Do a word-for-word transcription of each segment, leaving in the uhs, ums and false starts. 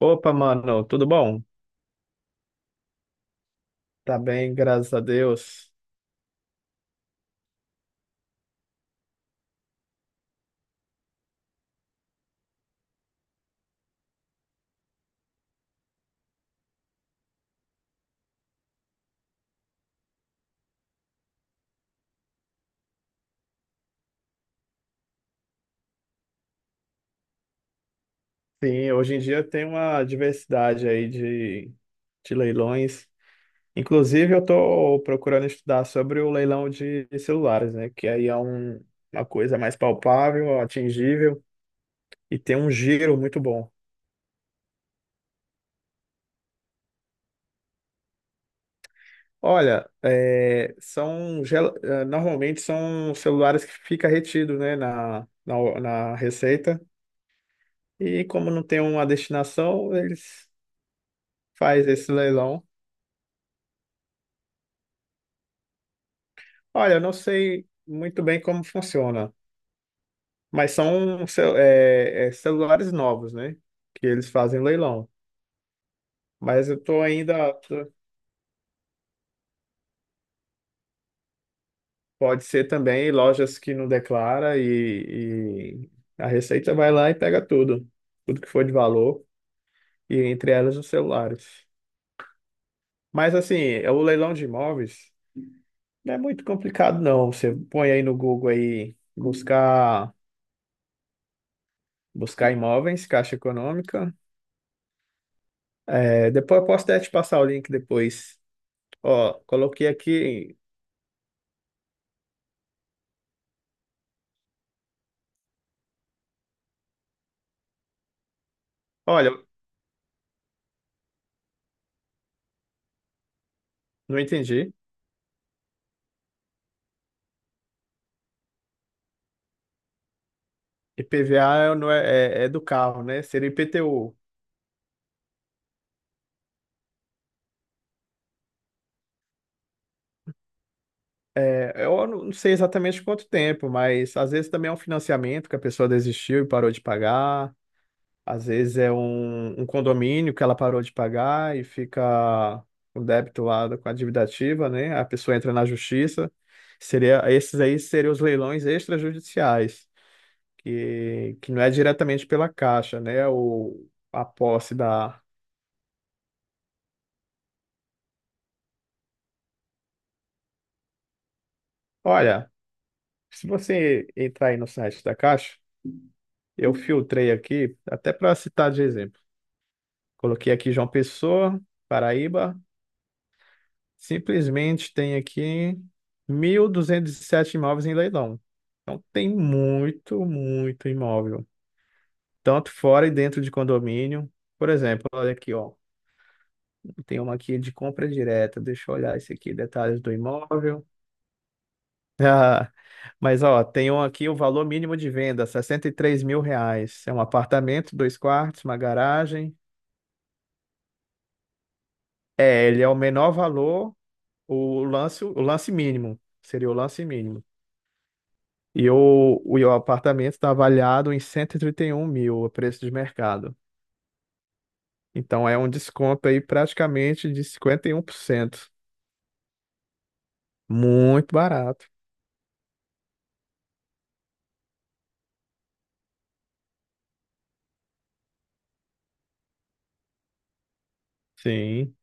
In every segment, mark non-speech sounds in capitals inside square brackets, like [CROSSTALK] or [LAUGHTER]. Opa, mano, tudo bom? Tá bem, graças a Deus. Sim, hoje em dia tem uma diversidade aí de, de leilões. Inclusive, eu tô procurando estudar sobre o leilão de celulares, né? Que aí é um- uma coisa mais palpável, atingível e tem um giro muito bom. Olha, é, são gel- eh, normalmente são celulares que fica retido, né, na, na na receita. E como não tem uma destinação, eles faz esse leilão. Olha, eu não sei muito bem como funciona, mas são cel- é, é, celulares novos, né? Que eles fazem leilão. Mas eu tô ainda. Pode ser também lojas que não declara e, e a Receita vai lá e pega tudo, tudo que for de valor, e entre elas os celulares. Mas assim, é o leilão de imóveis não é muito complicado, não. Você põe aí no Google aí buscar, buscar imóveis, Caixa Econômica. É, depois eu posso até te passar o link depois. Ó, coloquei aqui. Olha, não entendi. I P V A não é, é, é do carro, né? Seria I P T U. É, eu não não sei exatamente quanto tempo, mas às vezes também é um financiamento que a pessoa desistiu e parou de pagar. Às vezes é um, um condomínio que ela parou de pagar e fica com débito lá com a dívida ativa, né? A pessoa entra na justiça. Seria, esses aí seriam os leilões extrajudiciais, que, que não é diretamente pela Caixa, né? O, a posse da. Olha. Se você entrar aí no site da Caixa, eu filtrei aqui, até para citar de exemplo. Coloquei aqui João Pessoa, Paraíba, simplesmente tem aqui mil duzentos e sete imóveis em leilão. Então tem muito, muito imóvel, tanto fora e dentro de condomínio. Por exemplo, olha aqui, ó, tem uma aqui de compra direta. Deixa eu olhar esse aqui, detalhes do imóvel. Ah, mas ó, tem um aqui o valor mínimo de venda, sessenta e três mil reais. É um apartamento, dois quartos, uma garagem. É, ele é o menor valor, o lance, o lance mínimo. Seria o lance mínimo. E o, o, e o apartamento está avaliado em cento e e trinta e um mil, o preço de mercado. Então é um desconto aí praticamente de cinquenta e um por cento. Muito barato. Sim.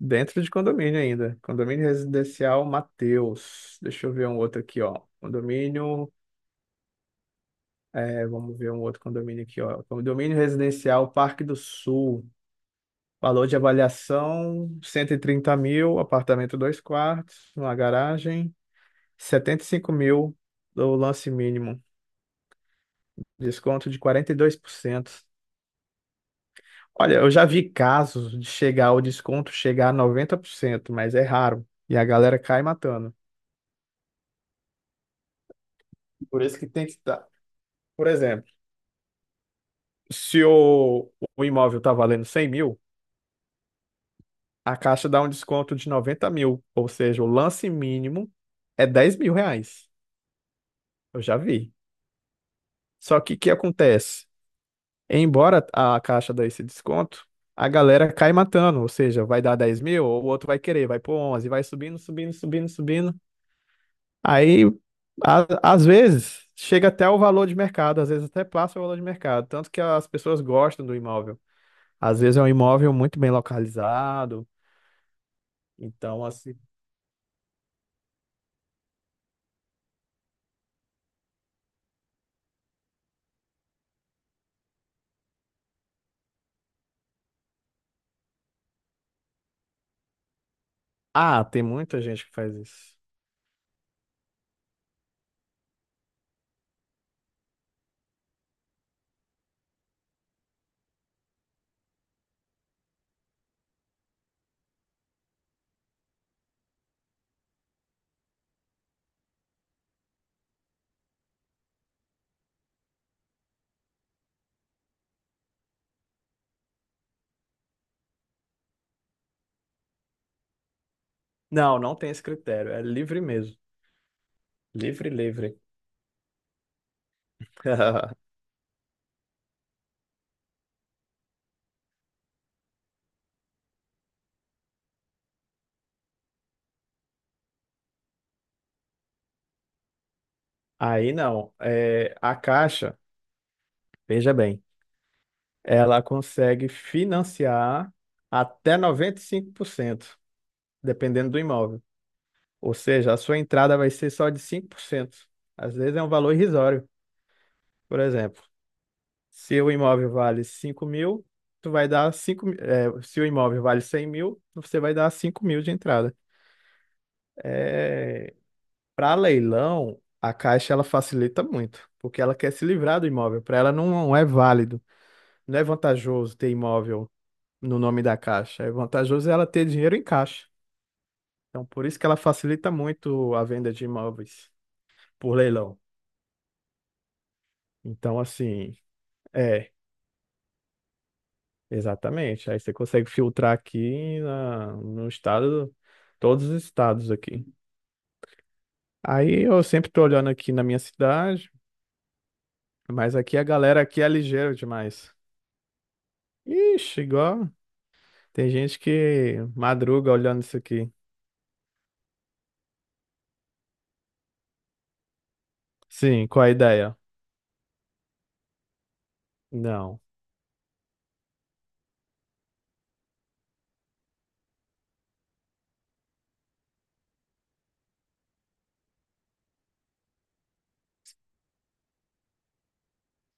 Dentro de condomínio ainda. Condomínio residencial Mateus. Deixa eu ver um outro aqui, ó. Condomínio É, vamos ver um outro condomínio aqui, ó. Condomínio residencial Parque do Sul. Valor de avaliação: cento e trinta mil, apartamento dois quartos, uma garagem, setenta e cinco mil do lance mínimo, desconto de quarenta e dois por cento. Olha, eu já vi casos de chegar o desconto chegar a noventa por cento, mas é raro. E a galera cai matando. Por isso que tem que estar. Por exemplo, se o, o imóvel está valendo cem mil, a Caixa dá um desconto de noventa mil, ou seja, o lance mínimo é dez mil reais. Eu já vi. Só que o que acontece? Embora a Caixa dê esse desconto, a galera cai matando, ou seja, vai dar dez mil, o outro vai querer, vai pôr onze, vai subindo, subindo, subindo, subindo. Aí, a- às vezes, chega até o valor de mercado, às vezes até passa o valor de mercado, tanto que as pessoas gostam do imóvel. Às vezes é um imóvel muito bem localizado, então assim... Ah, tem muita gente que faz isso. Não, não tem esse critério. É livre mesmo. Livre, livre. [LAUGHS] Aí não. É, a Caixa, veja bem, ela consegue financiar até noventa e cinco por cento, dependendo do imóvel. Ou seja, a sua entrada vai ser só de cinco por cento. Às vezes é um valor irrisório. Por exemplo, se o imóvel vale cinco mil, tu vai dar cinco. mi- é, se o imóvel vale cem mil, você vai dar cinco mil de entrada. É. Para leilão, a Caixa ela facilita muito, porque ela quer se livrar do imóvel. Para ela não é válido, não é vantajoso ter imóvel no nome da Caixa. É vantajoso ela ter dinheiro em caixa. Então, por isso que ela facilita muito a venda de imóveis por leilão. Então, assim, é, exatamente. Aí você consegue filtrar aqui na, no estado, todos os estados aqui. Aí eu sempre tô olhando aqui na minha cidade, mas aqui a galera aqui é ligeira demais. Ixi, igual. Tem gente que madruga olhando isso aqui. Sim, qual a ideia? Não.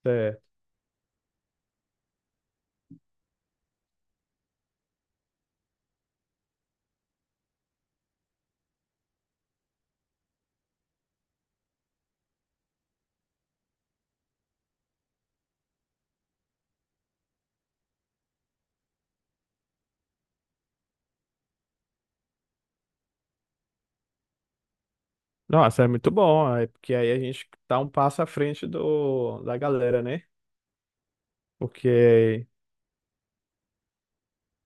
É. Nossa, é muito bom, é porque aí a gente tá um passo à frente do, da galera, né? Porque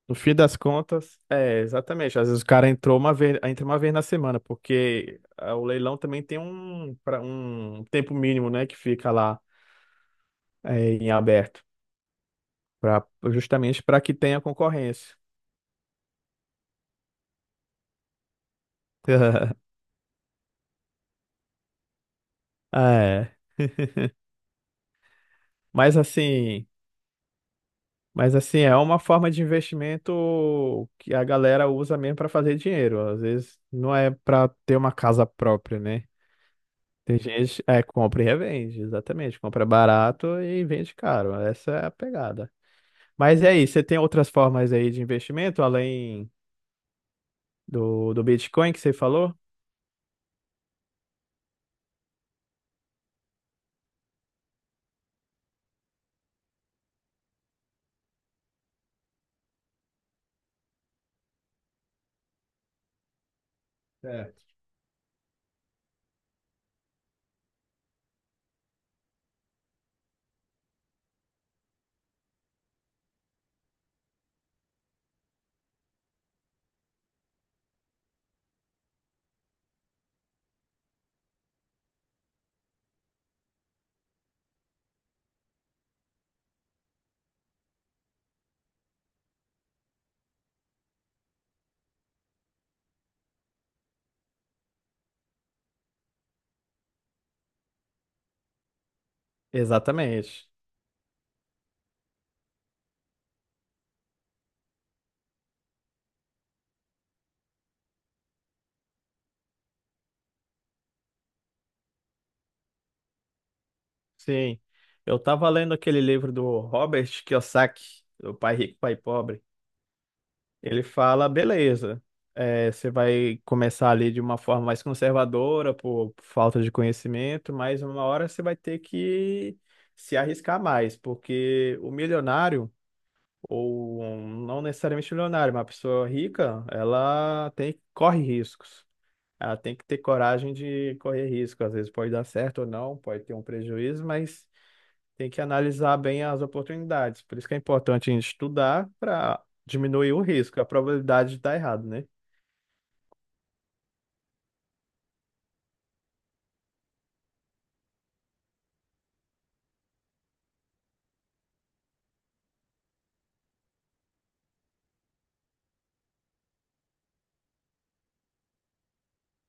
no fim das contas, é, exatamente. Às vezes o cara entrou uma vez, entra uma vez na semana, porque ah, o leilão também tem um, pra, um tempo mínimo, né, que fica lá é, em aberto, pra, justamente para que tenha concorrência. [LAUGHS] É. Mas assim. Mas assim, é uma forma de investimento que a galera usa mesmo para fazer dinheiro. Às vezes não é para ter uma casa própria, né? Tem gente, é, compra e revende, exatamente. Compra barato e vende caro. Essa é a pegada. Mas é isso, você tem outras formas aí de investimento além do, do Bitcoin que você falou? Certo. Exatamente. Sim. Eu tava lendo aquele livro do Robert Kiyosaki, do Pai Rico, Pai Pobre. Ele fala, beleza, é, você vai começar ali de uma forma mais conservadora, por falta de conhecimento, mas uma hora você vai ter que se arriscar mais, porque o milionário, ou um- não necessariamente milionário, mas uma pessoa rica, ela tem, corre riscos. Ela tem que ter coragem de correr risco. Às vezes pode dar certo ou não, pode ter um prejuízo, mas tem que analisar bem as oportunidades. Por isso que é importante a gente estudar para diminuir o risco, a probabilidade de dar errado, né?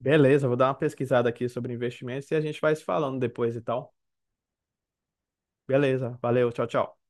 Beleza, vou dar uma pesquisada aqui sobre investimentos e a gente vai se falando depois e tal. Beleza, valeu, tchau, tchau.